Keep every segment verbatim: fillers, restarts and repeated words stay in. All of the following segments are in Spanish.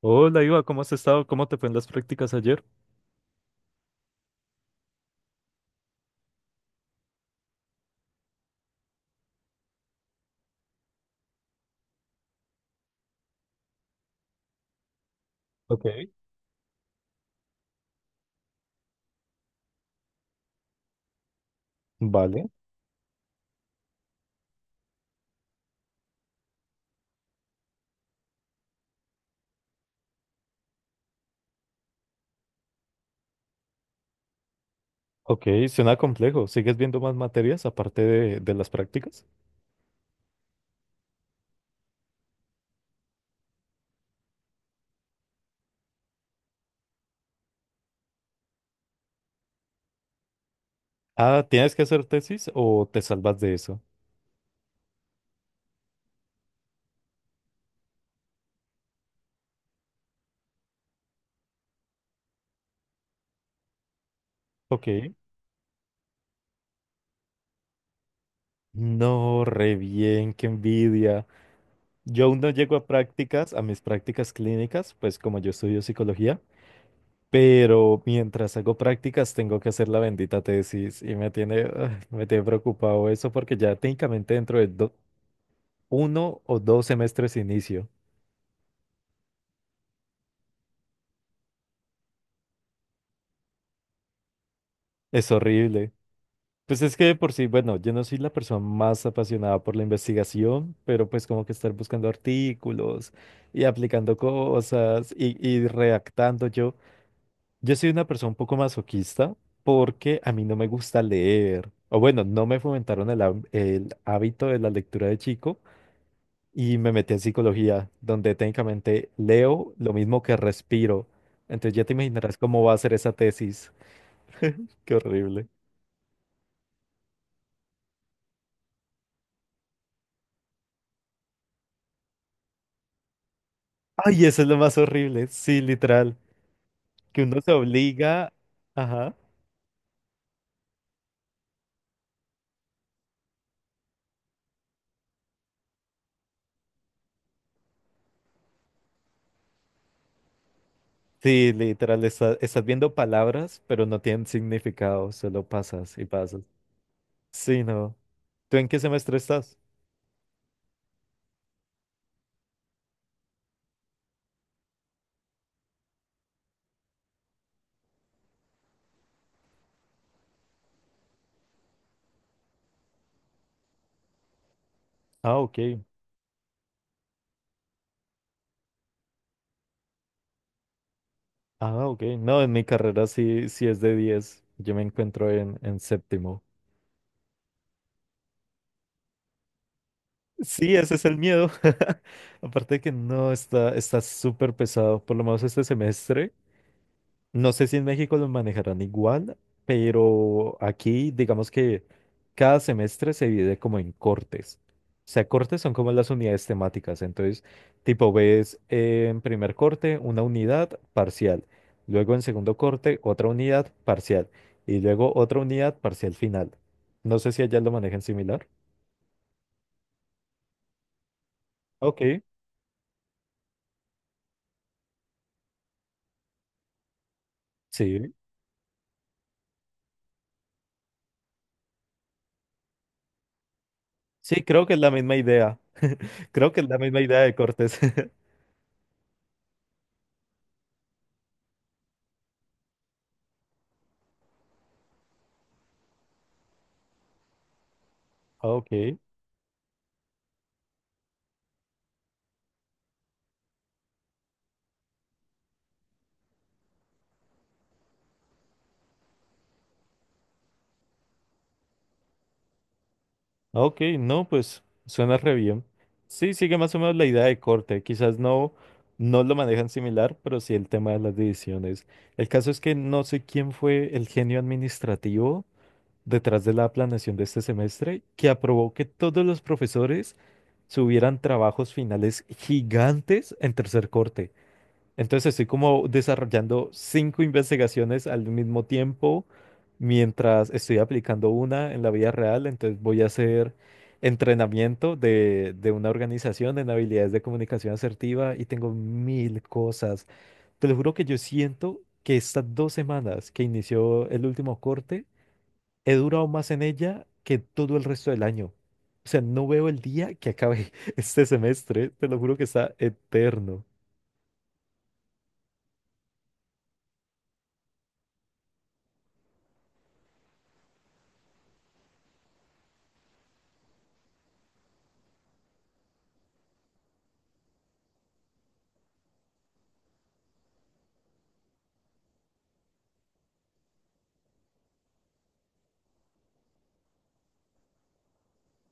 Hola, Iva, ¿cómo has estado? ¿Cómo te fue en las prácticas ayer? Ok, vale. Ok, suena complejo. ¿Sigues viendo más materias aparte de, de las prácticas? Ah, ¿tienes que hacer tesis o te salvas de eso? Ok. No, re bien, qué envidia. Yo aún no llego a prácticas, a mis prácticas clínicas, pues como yo estudio psicología, pero mientras hago prácticas tengo que hacer la bendita tesis y me tiene, ah, me tiene preocupado eso porque ya técnicamente dentro de do- uno o dos semestres inicio. Es horrible. Pues es que de por sí, bueno, yo no soy la persona más apasionada por la investigación, pero pues como que estar buscando artículos y aplicando cosas y, y redactando yo. Yo soy una persona un poco masoquista porque a mí no me gusta leer. O bueno, no me fomentaron el, hab- el hábito de la lectura de chico y me metí en psicología, donde técnicamente leo lo mismo que respiro. Entonces ya te imaginarás cómo va a ser esa tesis. Qué horrible. Ay, eso es lo más horrible, sí, literal, que uno se obliga, ajá, sí, literal, está- estás viendo palabras, pero no tienen significado, solo pasas y pasas. Sí, no. ¿Tú en qué semestre estás? Ah, ok, ah, ok, no, en mi carrera sí, sí es de diez. Yo me encuentro en, en séptimo. Sí, ese es el miedo, aparte de que no, está, está súper pesado, por lo menos este semestre. No sé si en México lo manejarán igual, pero aquí digamos que cada semestre se divide como en cortes. O sea, cortes son como las unidades temáticas. Entonces, tipo, ves eh, en primer corte una unidad parcial, luego en segundo corte otra unidad parcial y luego otra unidad parcial final. No sé si allá lo manejan similar. Ok, sí. Sí, creo que es la misma idea. Creo que es la misma idea de cortes. Ok. Ok, no, pues suena re bien. Sí, sigue más o menos la idea de corte. Quizás no, no lo manejan similar, pero sí el tema de las divisiones. El caso es que no sé quién fue el genio administrativo detrás de la planeación de este semestre que aprobó que todos los profesores subieran trabajos finales gigantes en tercer corte. Entonces estoy como desarrollando cinco investigaciones al mismo tiempo mientras estoy aplicando una en la vida real. Entonces voy a hacer entrenamiento de, de una organización en habilidades de comunicación asertiva y tengo mil cosas. Te lo juro que yo siento que estas dos semanas que inició el último corte, he durado más en ella que todo el resto del año. O sea, no veo el día que acabe este semestre. Te lo juro que está eterno.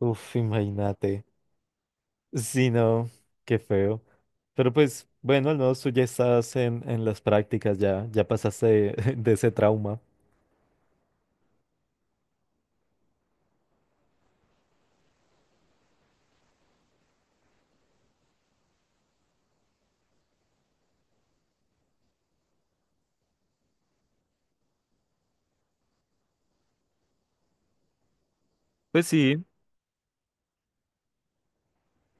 Uf, imagínate. Sí, no, qué feo. Pero pues, bueno, al menos tú ya estás en, en las prácticas, ya, ya, pasaste de, de ese trauma. Pues sí,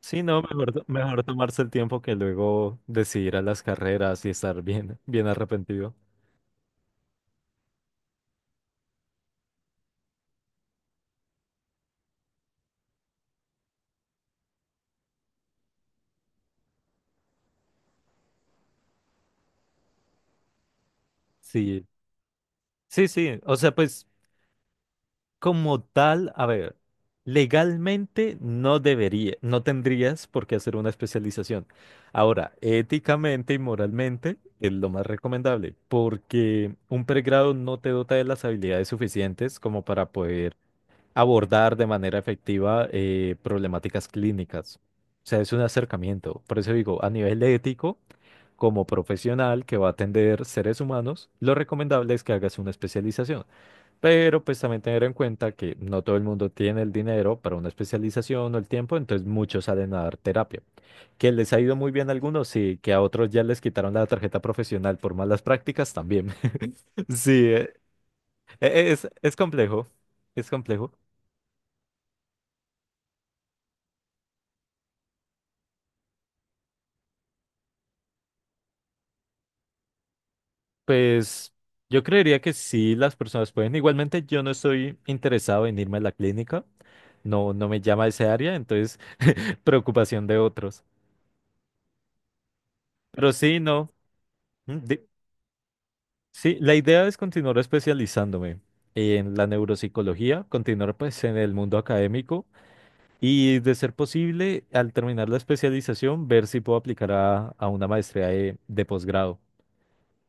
sí, no, mejor, to- mejor tomarse el tiempo que luego decidir a las carreras y estar bien, bien arrepentido. Sí, sí, sí. O sea, pues. Como tal, a ver, legalmente no debería, no tendrías por qué hacer una especialización. Ahora, éticamente y moralmente es lo más recomendable, porque un pregrado no te dota de las habilidades suficientes como para poder abordar de manera efectiva eh, problemáticas clínicas. O sea, es un acercamiento. Por eso digo, a nivel ético, como profesional que va a atender seres humanos, lo recomendable es que hagas una especialización. Pero pues también tener en cuenta que no todo el mundo tiene el dinero para una especialización o el tiempo, entonces muchos salen a dar terapia. Que les ha ido muy bien a algunos, sí, que a otros ya les quitaron la tarjeta profesional por malas prácticas también. Sí, eh, e- es, es complejo, es complejo. Pues yo creería que sí, las personas pueden. Igualmente yo no estoy interesado en irme a la clínica, no, no me llama ese área, entonces preocupación de otros. Pero sí, no. Sí, la idea es continuar especializándome en la neuropsicología, continuar pues en el mundo académico y de ser posible, al terminar la especialización, ver si puedo aplicar a, a una maestría de, de posgrado.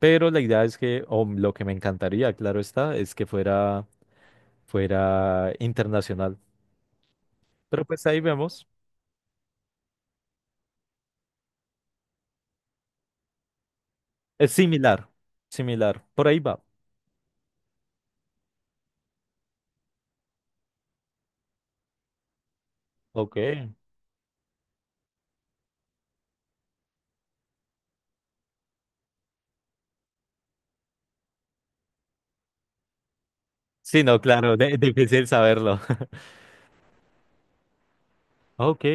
Pero la idea es que, o lo que me encantaría, claro está, es que fuera, fuera internacional. Pero pues ahí vemos. Es similar, similar. Por ahí va. Ok. Sí, no, claro, de- difícil saberlo. Ok.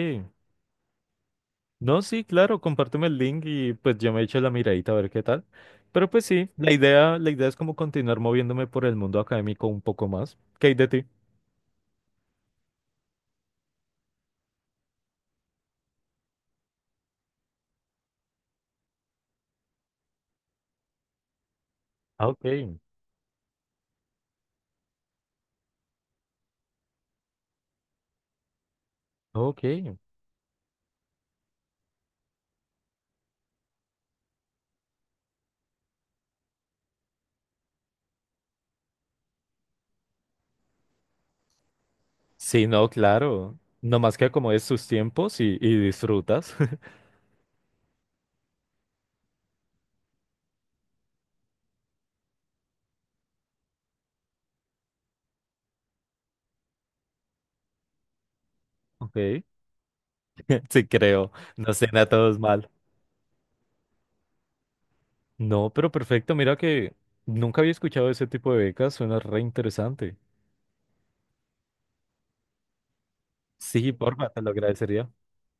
No, sí, claro, compárteme el link y pues yo me echo la miradita a ver qué tal. Pero pues sí, la idea, la idea es como continuar moviéndome por el mundo académico un poco más. ¿Qué hay de ti? Ah, ok, ok. Sí, no, claro. Nomás que acomodes tus tiempos y, y disfrutas. Ok. Sí, creo. No suena todos mal. No, pero perfecto. Mira que nunca había escuchado ese tipo de becas. Suena re interesante. Sí, porfa, te lo agradecería.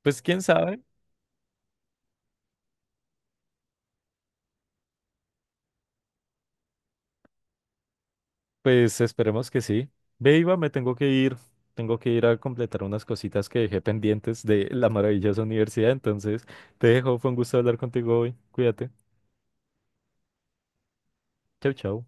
Pues quién sabe. Pues esperemos que sí. Ve, Iba, me tengo que ir. Tengo que ir a completar unas cositas que dejé pendientes de la maravillosa universidad. Entonces, te dejo. Fue un gusto hablar contigo hoy. Cuídate. Chau, chau.